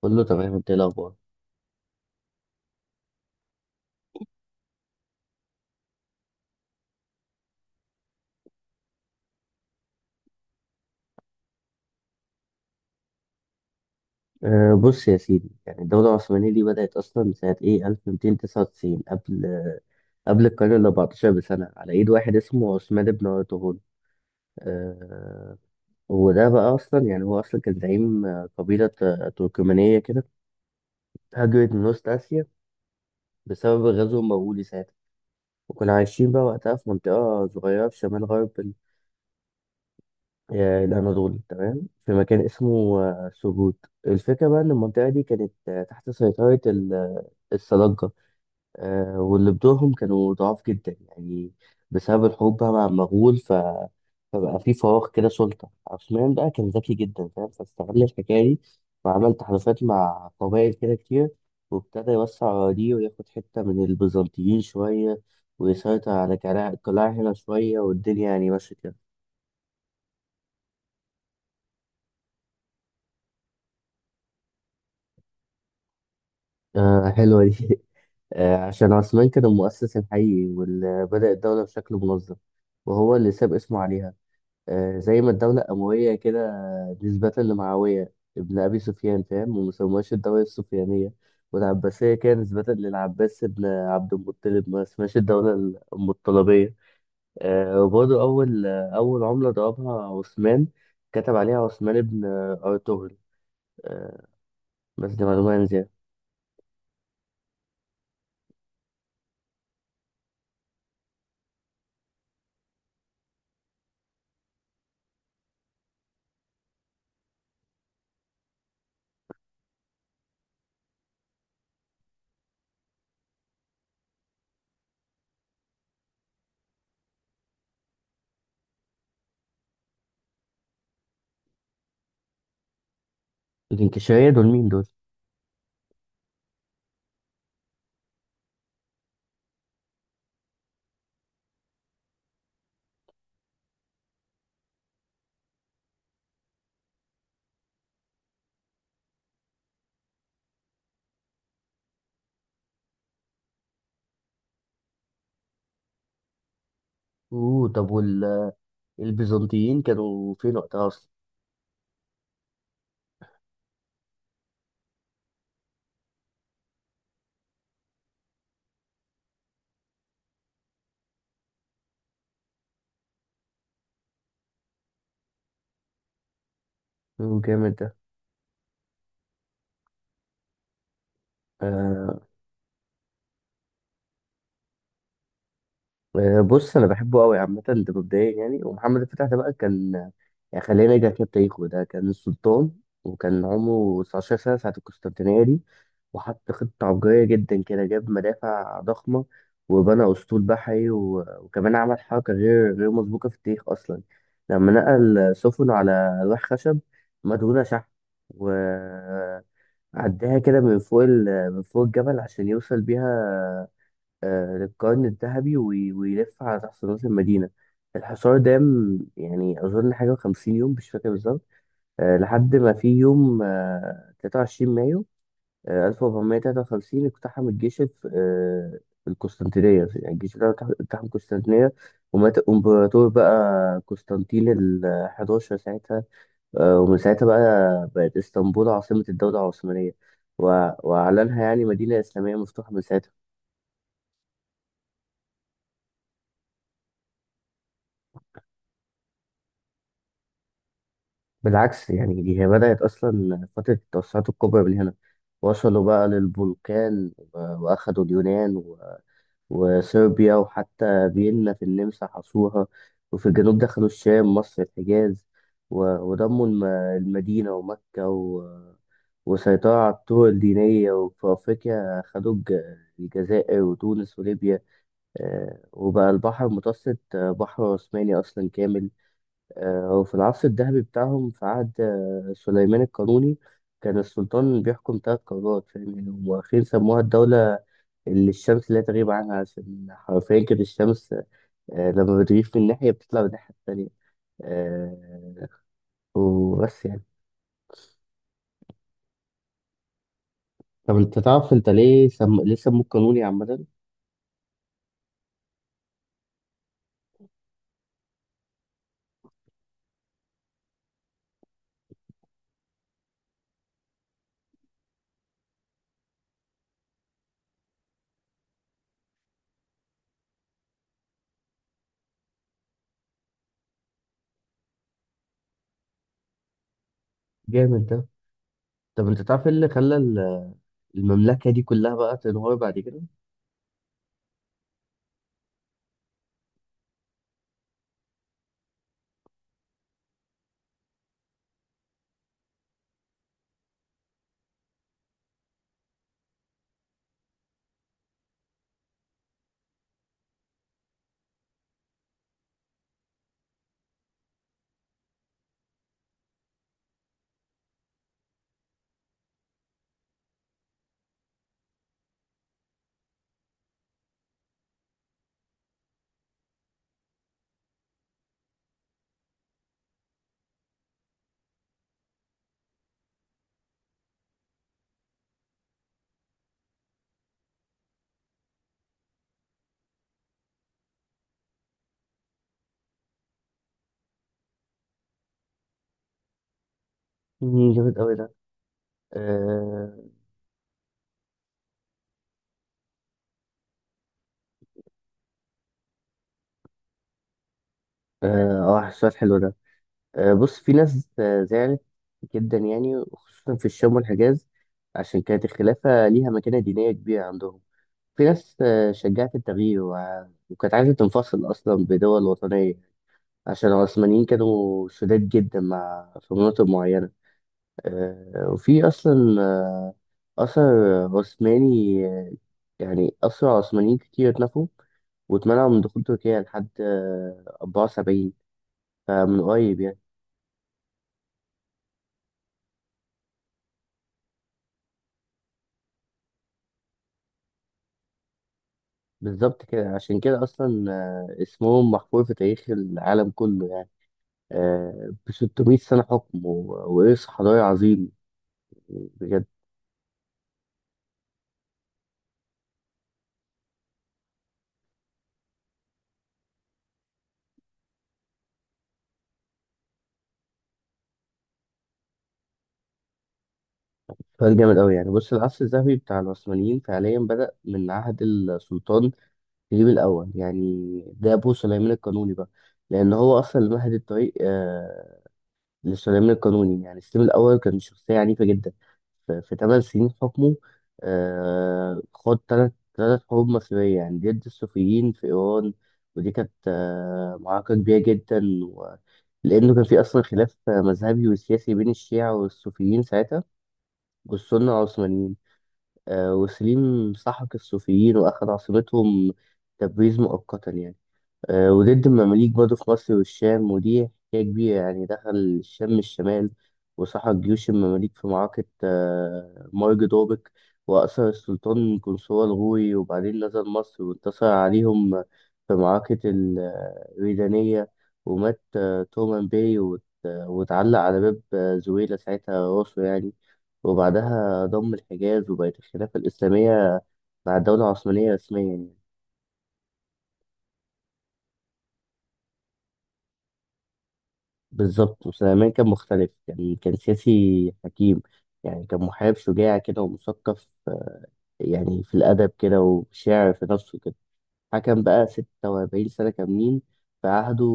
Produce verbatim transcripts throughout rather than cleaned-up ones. كله تمام، انت ايه الاخبار؟ أه بص يا سيدي، يعني الدولة العثمانية دي بدأت أصلا سنة إيه ألف ومية تسعة وتسعين، قبل قبل القرن ال أربعة عشر بسنة، على إيد واحد اسمه عثمان بن أرطغرل. أه وده بقى أصلا، يعني هو أصلا كان زعيم آه، قبيلة آه، تركمانية كده، هاجرت من وسط آسيا بسبب غزو مغولي ساعتها. وكانوا عايشين بقى وقتها في منطقة صغيرة في شمال غرب آه، الأناضول. تمام، في مكان اسمه آه، سوجوت. الفكرة بقى إن المنطقة دي كانت آه، تحت سيطرة ال- آه، السلاجقة، آه، واللي بدورهم كانوا ضعاف جدا يعني، بسبب الحروب بقى مع المغول. ف... فبقى في فراغ كده سلطة. عثمان بقى كان ذكي جدا، فاهم، فاستغل الحكاية دي وعمل تحالفات مع قبائل كده كتير، وابتدى يوسع أراضيه وياخد حتة من البيزنطيين شوية، ويسيطر على قلاع قلاع هنا شوية، والدنيا يعني ماشية كده. آه، حلوة دي آه، عشان عثمان كان المؤسس الحقيقي واللي بدأ الدولة بشكل منظم، وهو اللي ساب اسمه عليها. آه، زي ما الدولة أموية كده، نسبة لمعاوية ابن أبي سفيان، فاهم؟ وما سموهاش الدولة السفيانية. والعباسية كده نسبة للعباس ابن عبد المطلب، ما اسمهاش الدولة المطلبية. آه، وبرضه أول آه، أول عملة ضربها عثمان كتب عليها عثمان ابن آه، أرطغرل. آه، بس دي معلومة عن زيادة. الإنكشارية دول مين دول؟ أوه، طب البيزنطيين كانوا فين وقتها اصلا؟ مم، جامد ده. آه آه، بص انا بحبه قوي عامه ده، مبدئيا يعني. ومحمد الفتح ده بقى كان، يعني خلينا نرجع كده بتاريخه، ده كان السلطان وكان عمره تسعة عشر سنه ساعه القسطنطينيه دي، وحط خطه عبقريه جدا كده، جاب مدافع ضخمه وبنى اسطول بحري، و... وكمان عمل حركه غير غير مسبوقه في التاريخ اصلا، لما نقل سفنه على لوح خشب مدهونه شحن، و... عداها كده من فوق ال- من فوق الجبل عشان يوصل بيها آه، للقرن الذهبي وي- ويلف على تحت رأس المدينة. الحصار ده م- يعني أظن حاجة وخمسين يوم، مش فاكر بالظبط. آه، لحد ما في يوم آه، تلاتة وعشرين مايو آه، ألف وأربعمية تلاتة وخمسين، اقتحم الجيش الف- آه، القسطنطينية. يعني الجيش ده اقتحم اقتحم القسطنطينية، ومات الإمبراطور بقى قسطنطين الحداشر ساعتها. آه، ومن ساعتها بقى بقت اسطنبول عاصمة الدولة العثمانية، و- وأعلنها يعني مدينة إسلامية مفتوحة من ساعتها. بالعكس، يعني دي هي بدأت أصلا فترة التوسعات الكبرى من هنا. وصلوا بقى للبلقان، و- وأخدوا اليونان، و- وصربيا، وحتى فيينا في النمسا حصوها. وفي الجنوب دخلوا الشام مصر الحجاز، و- ودموا الم- المدينة ومكة، و- وسيطروا على الطرق الدينية. وفي أفريقيا خدوا الج- الجزائر وتونس وليبيا. آه، وبقى البحر المتوسط آه، بحر عثماني أصلا كامل. آه، وفي العصر الذهبي بتاعهم، في عهد آه، سليمان القانوني، كان السلطان بيحكم تلات قارات، فاهم يعني؟ هم أخيرا سموها الدولة اللي الشمس لا تغيب عنها، عشان حرفيا كانت الشمس آه، لما بتغيب من ناحية بتطلع من الناحية التانية. آه، وبس يعني. طب انت تعرف انت ليه سم... ليه سموه قانوني عامة؟ جامد ده. طب انت تعرف ايه اللي خلى ال- المملكة دي كلها بقى تنهار بعد كده؟ مم، جامد أوي ده. اه اه آه، السؤال حلو ده. آه بص، في ناس آه، زعلت جدا يعني، خصوصا في الشام والحجاز، عشان كانت الخلافة ليها مكانة دينية كبيرة عندهم. في ناس آه شجعت التغيير، وع- وكانت عايزة تنفصل أصلا بدول وطنية، عشان العثمانيين كانوا شداد جدا مع في مناطق معينة. آه وفي أصلا آه أثر عثماني، آه، يعني أسرى عثمانيين كتير اتنفوا واتمنعوا من دخول تركيا لحد آه، أربعة وسبعين، فمن قريب يعني. بالظبط كده، عشان كده اصلا آه، اسمهم محفور في تاريخ العالم كله يعني. آه، ب ستمية سنه حكم، و- وارث حضاري عظيم، بجد. سؤال جامد قوي يعني. بص العصر الذهبي بتاع العثمانيين فعليا بدأ من عهد السلطان سليم الاول يعني، ده ابو سليمان القانوني بقى، لان هو اصلا اللي مهد الطريق آه، للسلام القانوني. يعني السلم الأول كان شخصية عنيفة جدا. ف- في ثمان سنين حكمه، آه، خاض ثلاث ثلاث حروب مصرية، يعني ضد الصوفيين في إيران. ودي كانت آه، معركة كبيرة جدا. و... لأنه كان في أصلا خلاف آه، مذهبي وسياسي بين الشيعة والصوفيين ساعتها والسنة العثمانيين. آه، وسليم سحق الصوفيين وأخذ عاصمتهم تبريز مؤقتا يعني. آه، وضد المماليك برضه في مصر والشام، ودي حكاية كبيرة يعني. دخل الشام الشمال وسحق جيوش المماليك في معركة آه، مرج دوبك، وأسر السلطان قنصوة الغوري. وبعدين نزل مصر وانتصر عليهم في معركة الريدانية، ومات آه، تومان باي، وات- واتعلق على باب آه، زويلة ساعتها راسه يعني. وبعدها ضم الحجاز وبقت الخلافة الإسلامية مع الدولة العثمانية رسميا يعني. بالظبط. وسليمان كان مختلف، كان كان سياسي حكيم يعني، كان محارب شجاع كده ومثقف يعني في الأدب كده، وشاعر في نفسه كده. حكم بقى ستة وأربعين سنة كاملين. في عهده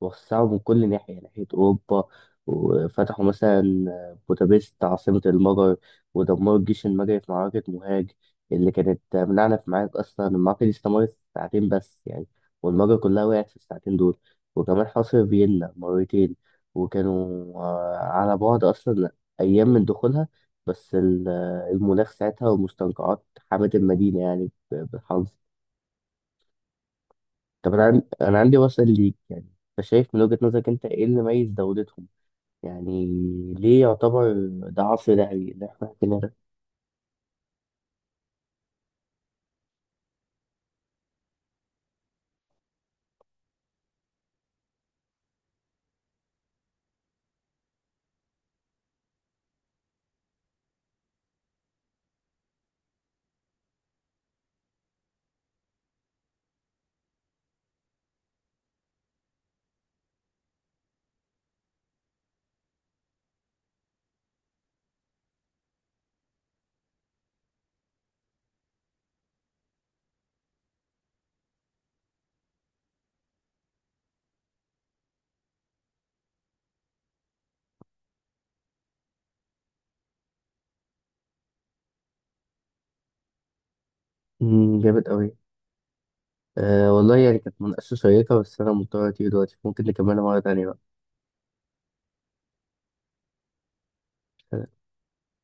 وسعوا من كل ناحية ناحية أوروبا، وفتحوا مثلا بودابست عاصمة المجر، ودمروا الجيش المجري في معركة مهاج، اللي كانت منعنا في معارك أصلا. المعركة دي استمرت ساعتين بس يعني، والمجر كلها وقعت في الساعتين دول. وكمان حاصر فيينا مرتين، وكانوا آه، على بعد أصلا أيام من دخولها، بس ال- المناخ ساعتها والمستنقعات حمت المدينة، يعني ب- بالحظ. طب انا عن- انا عندي وسائل ليك يعني. انت شايف من وجهة نظرك، انت ايه اللي ميز دولتهم يعني؟ ليه يعتبر ده عصر ذهبي اللي احنا حكينا ده؟ أمم، جامد قوي. أه والله يعني، كانت مناقشة شيقة، بس انا مضطر اطير دلوقتي. ممكن نكملها مرة تانية بقى